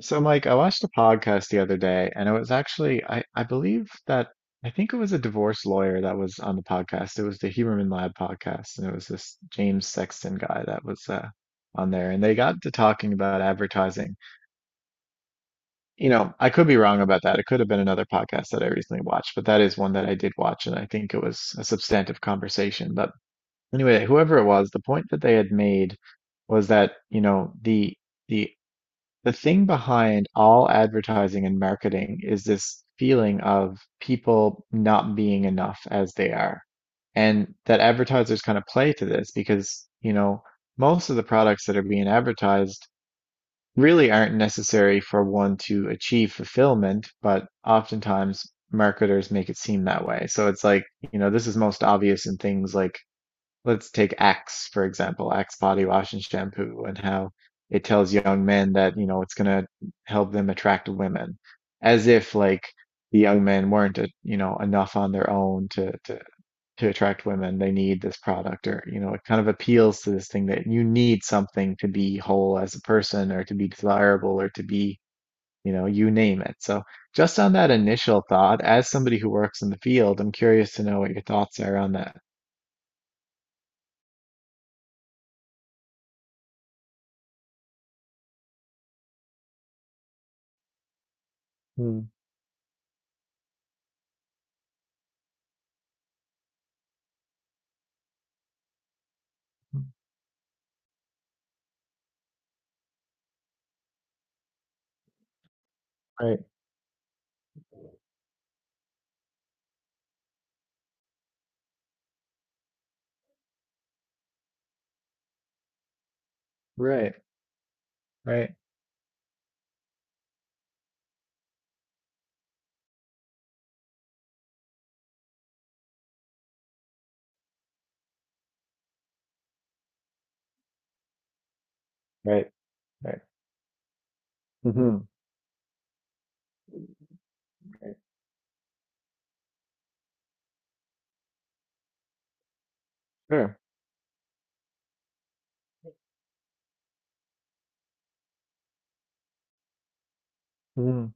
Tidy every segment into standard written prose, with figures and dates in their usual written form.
So, Mike, I watched a podcast the other day, and it was actually, I believe that, I think it was a divorce lawyer that was on the podcast. It was the Huberman Lab podcast, and it was this James Sexton guy that was on there. And they got to talking about advertising. You know, I could be wrong about that. It could have been another podcast that I recently watched, but that is one that I did watch, and I think it was a substantive conversation. But anyway, whoever it was, the point that they had made was that, you know, the the thing behind all advertising and marketing is this feeling of people not being enough as they are. And that advertisers kind of play to this because, you know, most of the products that are being advertised really aren't necessary for one to achieve fulfillment, but oftentimes marketers make it seem that way. So it's like, you know, this is most obvious in things like, let's take Axe, for example, Axe body wash and shampoo, and how it tells young men that, you know, it's gonna help them attract women, as if like the young men weren't, you know, enough on their own to attract women. They need this product, or, you know, it kind of appeals to this thing that you need something to be whole as a person, or to be desirable, or to be, you know, you name it. So just on that initial thought, as somebody who works in the field, I'm curious to know what your thoughts are on that. Hmm. Right, right. Right. Right. Right. Hmm. Sure. Hmm.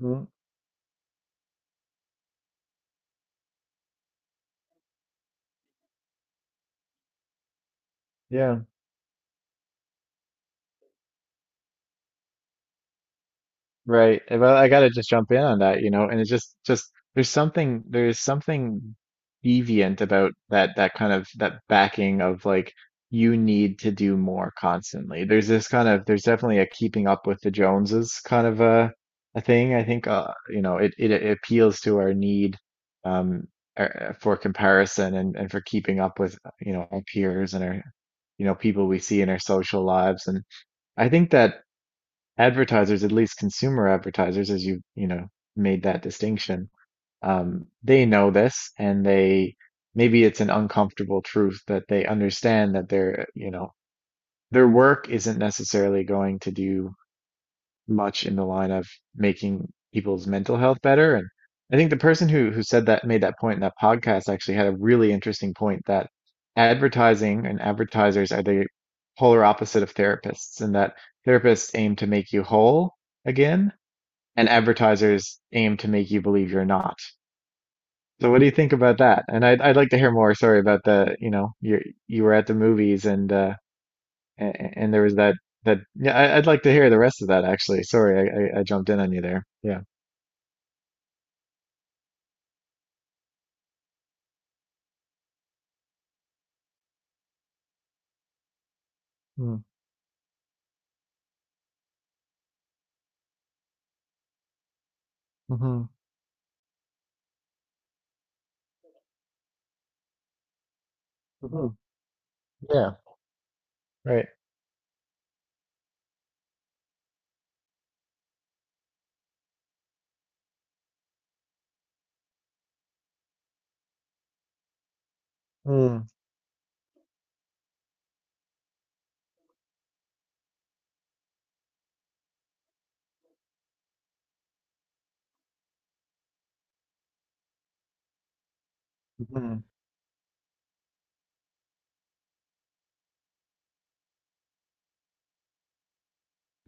Hmm. Yeah. Right. Well, I gotta just jump in on that, you know, and it's just there's something deviant about that kind of, that backing of, like, you need to do more constantly. There's this kind of, there's definitely a keeping up with the Joneses kind of a thing. I think it appeals to our need, um for comparison and for keeping up with, our peers and our, people we see in our social lives. And I think that advertisers, at least consumer advertisers, as you, you know made that distinction, they know this, and they, maybe it's an uncomfortable truth, that they understand that their you know their work isn't necessarily going to do much in the line of making people's mental health better. And I think the person who said that made that point in that podcast actually had a really interesting point that advertising and advertisers are the polar opposite of therapists, and that therapists aim to make you whole again, and advertisers aim to make you believe you're not. So what do you think about that? And I'd like to hear more, sorry, about the, you were at the movies, and and there was that yeah, I'd like to hear the rest of that actually. Sorry, I jumped in on you there. Yeah. Mm. Hmm. Hmm. Yeah. Right. Mm. Mhm.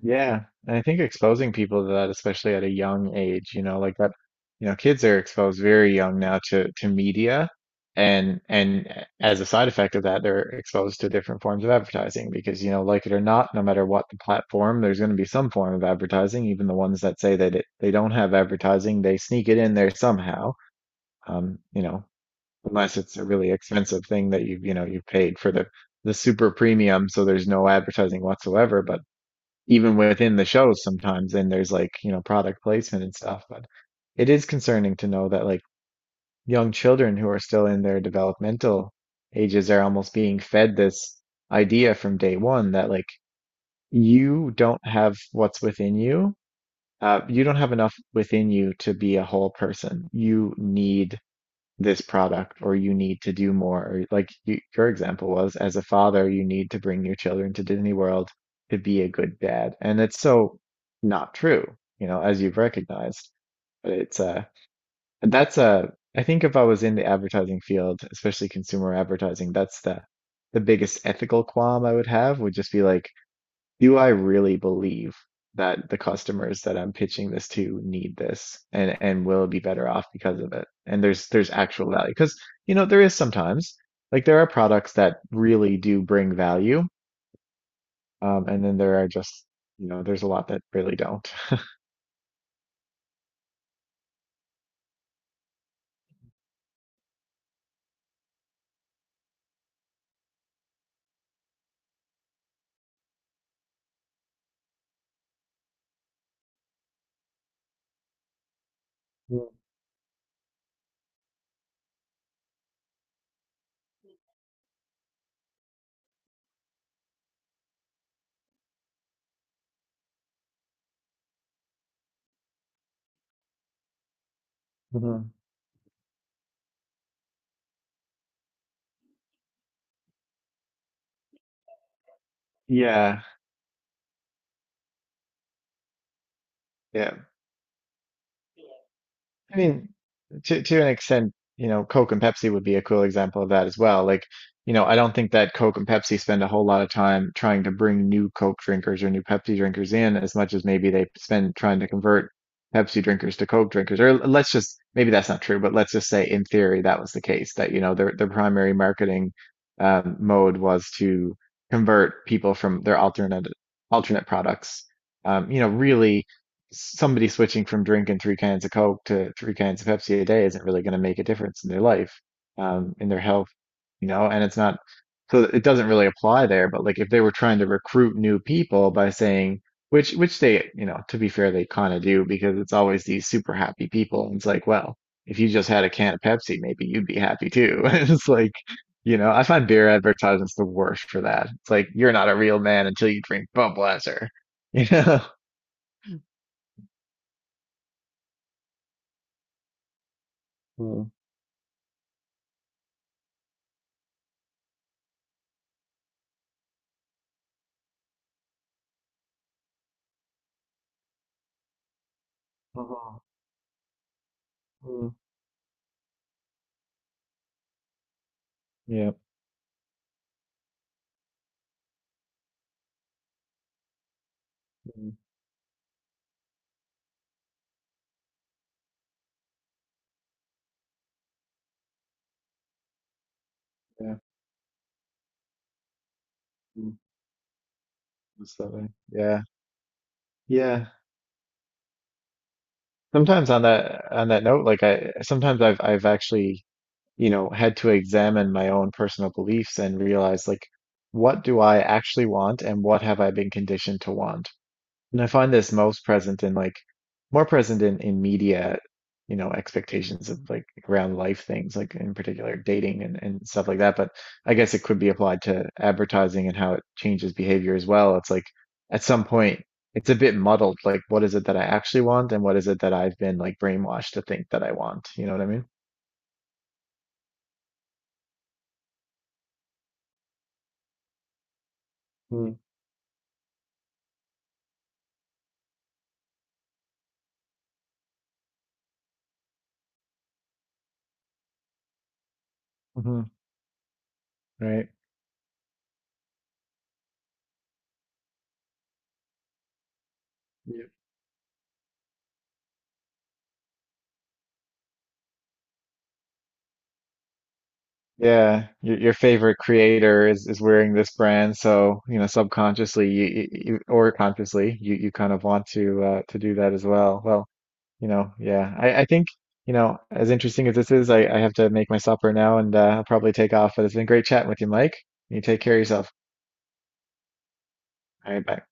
Yeah, and I think exposing people to that, especially at a young age, you know, like that, you know, kids are exposed very young now to media, and as a side effect of that, they're exposed to different forms of advertising because, you know, like it or not, no matter what the platform, there's going to be some form of advertising. Even the ones that say that they don't have advertising, they sneak it in there somehow. Um, you know, unless it's a really expensive thing that you've paid for the super premium, so there's no advertising whatsoever. But even within the shows sometimes, and there's, like, you know, product placement and stuff, but it is concerning to know that, like, young children who are still in their developmental ages are almost being fed this idea from day one that, like, you don't have what's within you, you don't have enough within you to be a whole person. You need this product, or you need to do more, or, like, your example was, as a father you need to bring your children to Disney World to be a good dad, and it's so not true, you know, as you've recognized. But it's that's I think if I was in the advertising field, especially consumer advertising, that's the biggest ethical qualm I would have. Would just be, like, do I really believe that the customers that I'm pitching this to need this, and will be better off because of it? And there's actual value, because, you know, there is sometimes, like, there are products that really do bring value, and then there are just, there's a lot that really don't. Mhm. Yeah, yeah. I mean, to an extent, you know, Coke and Pepsi would be a cool example of that as well. Like, you know, I don't think that Coke and Pepsi spend a whole lot of time trying to bring new Coke drinkers or new Pepsi drinkers in, as much as maybe they spend trying to convert Pepsi drinkers to Coke drinkers. Or let's just, maybe that's not true, but let's just say in theory that was the case, that, you know, their primary marketing, mode, was to convert people from their alternate products. Really, somebody switching from drinking three cans of Coke to three cans of Pepsi a day isn't really going to make a difference in their life, in their health, you know, and it's not, so it doesn't really apply there. But, like, if they were trying to recruit new people by saying, which they, you know, to be fair, they kind of do, because it's always these super happy people. And it's like, well, if you just had a can of Pepsi, maybe you'd be happy too. And it's like, you know, I find beer advertisements the worst for that. It's like, you're not a real man until you drink Budweiser, you know? Mm. Mm, yeah, mm, yeah, mm, that's that way. Yeah, yeah. Sometimes on that, on that note, like, I sometimes I've actually, you know, had to examine my own personal beliefs and realize, like, what do I actually want, and what have I been conditioned to want? And I find this most present in like more present in media, you know, expectations of, like, around life things, like in particular dating, and stuff like that. But I guess it could be applied to advertising and how it changes behavior as well. It's like, at some point, it's a bit muddled, like, what is it that I actually want, and what is it that I've been, like, brainwashed to think that I want? You know what I mean? Mm. Hmm. Right. Yeah, your favorite creator is wearing this brand, so, subconsciously, or consciously, you kind of want to do that as well. Well, yeah, I think, as interesting as this is, I have to make my supper now, and I'll probably take off. But it's been great chatting with you, Mike. You take care of yourself. All right, bye.